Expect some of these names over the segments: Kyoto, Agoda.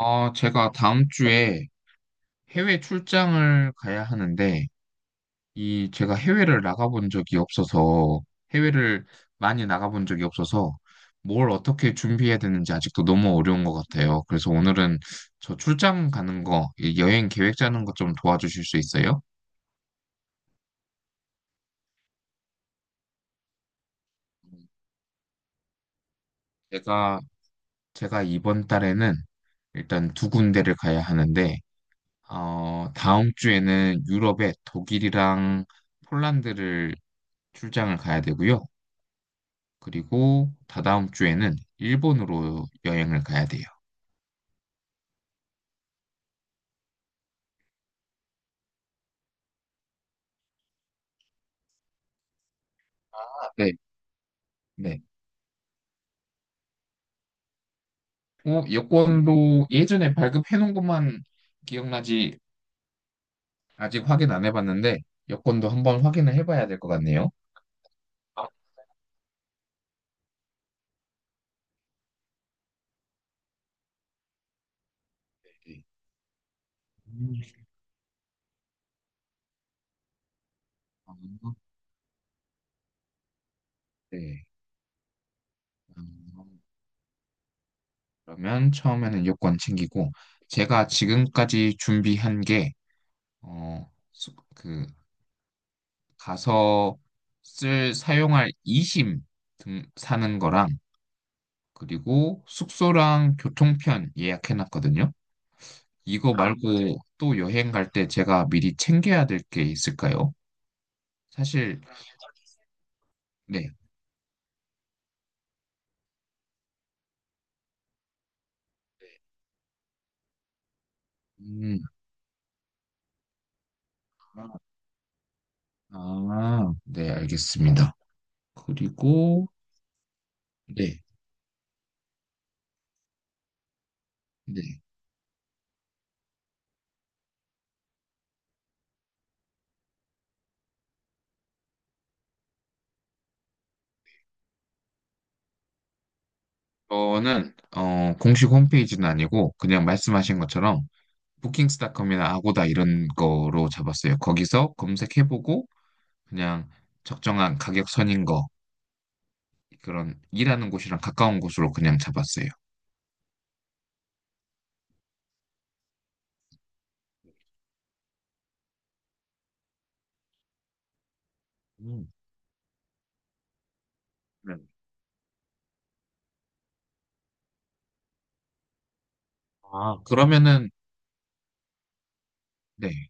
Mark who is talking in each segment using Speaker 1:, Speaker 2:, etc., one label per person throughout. Speaker 1: 아, 제가 다음 주에 해외 출장을 가야 하는데, 이, 제가 해외를 나가본 적이 없어서, 해외를 많이 나가본 적이 없어서, 뭘 어떻게 준비해야 되는지 아직도 너무 어려운 것 같아요. 그래서 오늘은 저 출장 가는 거, 이 여행 계획 짜는 것 좀 도와주실 수 있어요? 제가, 제가 이번 달에는 일단 두 군데를 가야 하는데, 다음 주에는 유럽의 독일이랑 폴란드를 출장을 가야 되고요. 그리고 다다음 주에는 일본으로 여행을 가야 돼요. 네, 네. 여권도 예전에 발급해 놓은 것만 기억나지 아직 확인 안 해봤는데 여권도 한번 확인을 해봐야 될 것 같네요. 아, 네. 음, 네. 음, 그러면 처음에는 여권 챙기고 제가 지금까지 준비한 게 그 가서 쓸 사용할 이심 등 사는 거랑 그리고 숙소랑 교통편 예약해놨거든요. 이거 아, 네. 말고 또 여행 갈 때 제가 미리 챙겨야 될 게 있을까요? 사실, 네. 음, 아, 네, 알겠습니다. 그리고, 네, 네. 저는, 공식 홈페이지는 아니고, 그냥 말씀하신 것처럼, 부킹스닷컴이나 아고다 이런 거로 잡았어요. 거기서 검색해보고, 그냥 적정한 가격 선인 거, 그런 일하는 곳이랑 가까운 곳으로 그냥 잡았어요. 음. 음. 아, 그러면은, 네.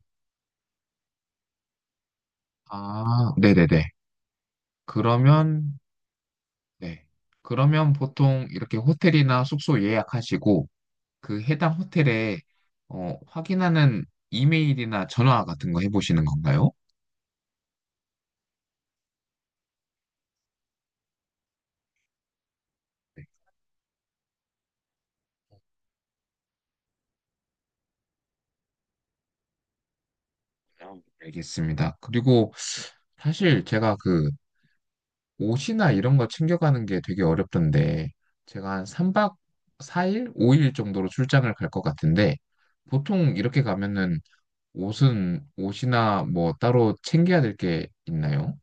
Speaker 1: 아, 네네네. 그러면, 네. 그러면 보통 이렇게 호텔이나 숙소 예약하시고, 그 해당 호텔에, 확인하는 이메일이나 전화 같은 거 해보시는 건가요? 네. 아, 알겠습니다. 그리고 사실 제가 그 옷이나 이런 거 챙겨가는 게 되게 어렵던데, 제가 한 3박 4일? 5일 정도로 출장을 갈 것 같은데, 보통 이렇게 가면은 옷은 옷이나 뭐 따로 챙겨야 될 게 있나요?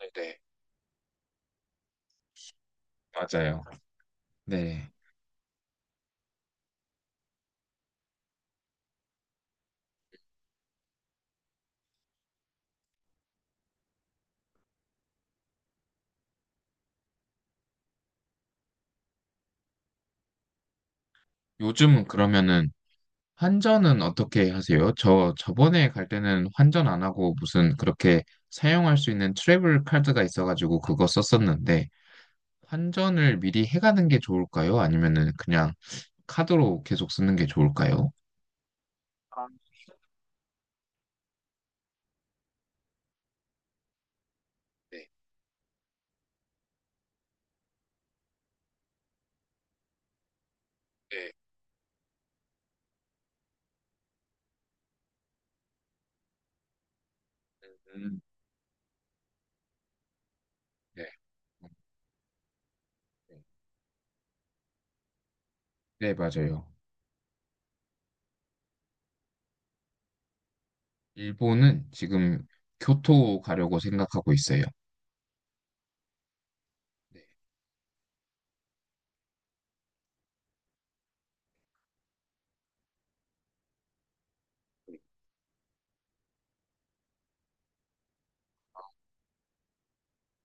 Speaker 1: 네네, 맞아요. 네. 요즘 그러면은 환전은 어떻게 하세요? 저 저번에 갈 때는 환전 안 하고 무슨 그렇게 사용할 수 있는 트래블 카드가 있어가지고 그거 썼었는데 환전을 미리 해가는 게 좋을까요? 아니면은 그냥 카드로 계속 쓰는 게 좋을까요? 아, 네, 네, 음, 네, 네, 맞아요. 일본은 지금 교토 가려고 생각하고 있어요. 네.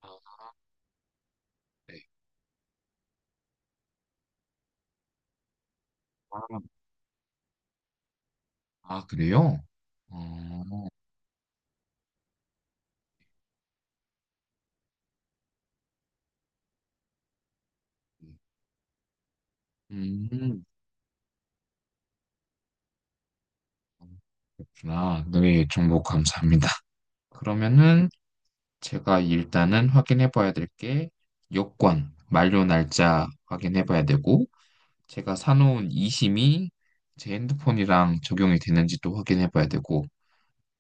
Speaker 1: 아, 네. 아, 아, 그래요? 어, 음, 그렇구나. 네, 정보 감사합니다. 그러면은 제가 일단은 확인해 봐야 될 게 요건 만료 날짜 확인해 봐야 되고 제가 사놓은 이심이 제 핸드폰이랑 적용이 되는지도 확인해 봐야 되고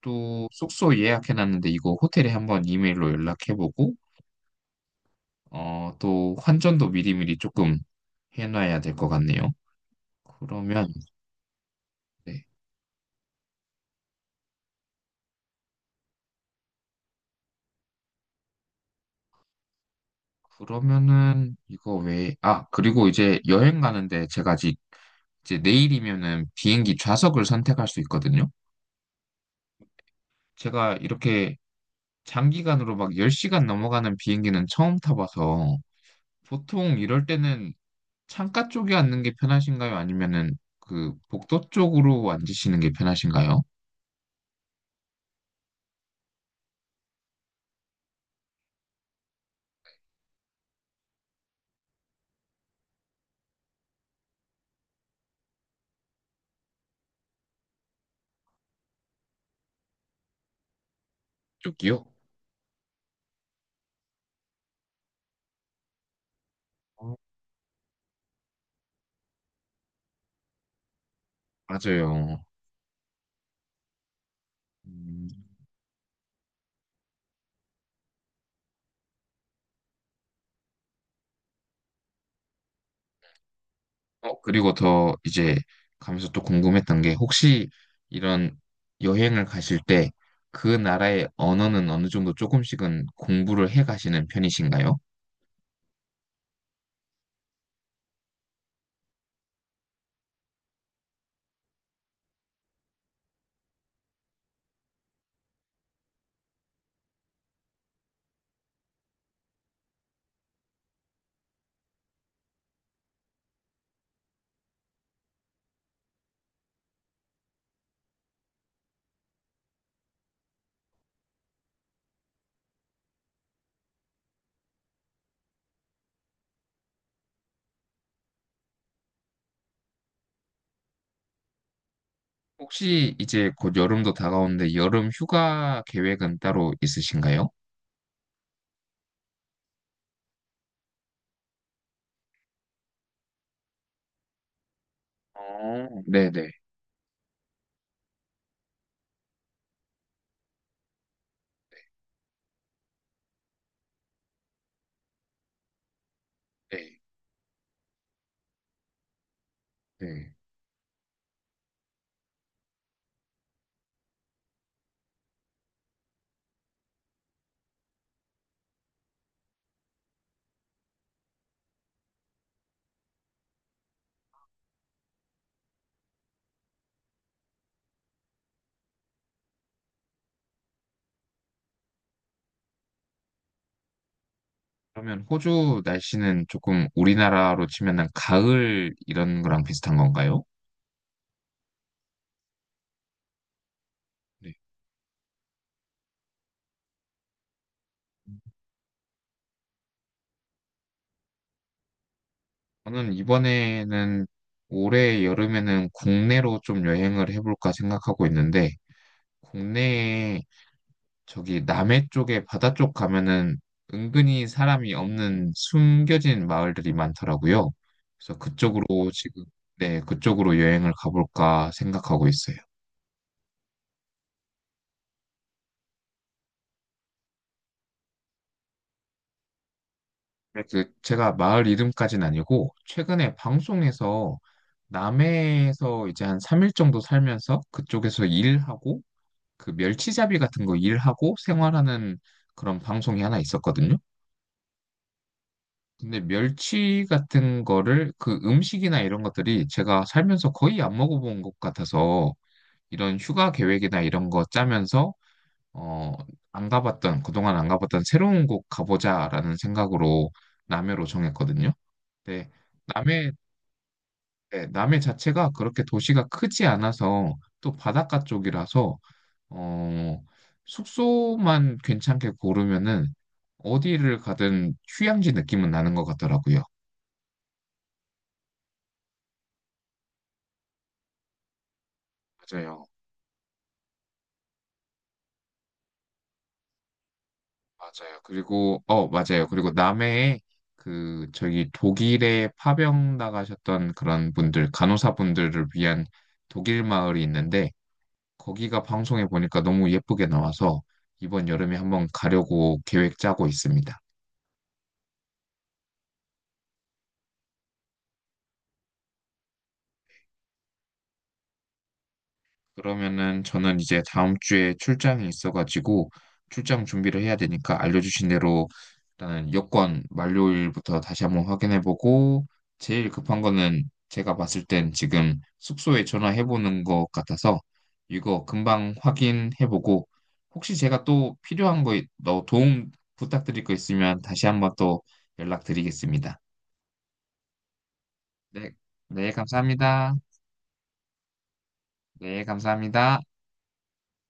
Speaker 1: 또 숙소 예약해 놨는데 이거 호텔에 한번 이메일로 연락해 보고 또 환전도 미리미리 조금 해 놔야 될 것 같네요. 그러면 네. 그러면은 아, 그리고 이제 여행 가는데 제가 아직 이제 내일이면은 비행기 좌석을 선택할 수 있거든요. 제가 이렇게 장기간으로 막 10시간 넘어가는 비행기는 처음 타봐서 보통 이럴 때는 창가 쪽에 앉는 게 편하신가요? 아니면은 그 복도 쪽으로 앉으시는 게 편하신가요? 쪽이요? 어, 맞아요. 음, 그리고 더 이제 가면서 또 궁금했던 게 혹시 이런 여행을 가실 때 그 나라의 언어는 어느 정도 조금씩은 공부를 해 가시는 편이신가요? 혹시 이제 곧 여름도 다가오는데 여름 휴가 계획은 따로 있으신가요? 어, 네네. 네, 네. 그러면 호주 날씨는 조금 우리나라로 치면 은 가을 이런 거랑 비슷한 건가요? 네. 저는 이번에는 올해 여름에는 국내로 좀 여행을 해볼까 생각하고 있는데, 국내에 저기 남해 쪽에 바다 쪽 가면은 은근히 사람이 없는 숨겨진 마을들이 많더라고요. 그래서 그쪽으로 지금, 네, 그쪽으로 여행을 가볼까 생각하고 있어요. 네, 그 제가 마을 이름까지는 아니고, 최근에 방송에서 남해에서 이제 한 3일 정도 살면서 그쪽에서 일하고, 그 멸치잡이 같은 거 일하고 생활하는 그런 방송이 하나 있었거든요. 근데 멸치 같은 거를 그 음식이나 이런 것들이 제가 살면서 거의 안 먹어본 것 같아서 이런 휴가 계획이나 이런 거 짜면서 어, 안 가봤던, 그동안 안 가봤던 새로운 곳 가보자라는 생각으로 남해로 정했거든요. 근데 남해, 네, 남해 자체가 그렇게 도시가 크지 않아서 또 바닷가 쪽이라서 어, 숙소만 괜찮게 고르면은 어디를 가든 휴양지 느낌은 나는 것 같더라고요. 맞아요. 맞아요. 그리고, 맞아요. 그리고 남해에 그, 저기 독일에 파병 나가셨던 그런 분들, 간호사분들을 위한 독일 마을이 있는데, 거기가 방송에 보니까 너무 예쁘게 나와서 이번 여름에 한번 가려고 계획 짜고 있습니다. 그러면은 저는 이제 다음 주에 출장이 있어가지고 출장 준비를 해야 되니까 알려주신 대로 일단은 여권 만료일부터 다시 한번 확인해보고 제일 급한 거는 제가 봤을 땐 지금 숙소에 전화해보는 것 같아서 이거 금방 확인해보고 혹시 제가 또 필요한 거, 너 도움 부탁드릴 거 있으면 다시 한번 또 연락드리겠습니다. 네, 네, 감사합니다. 네, 감사합니다.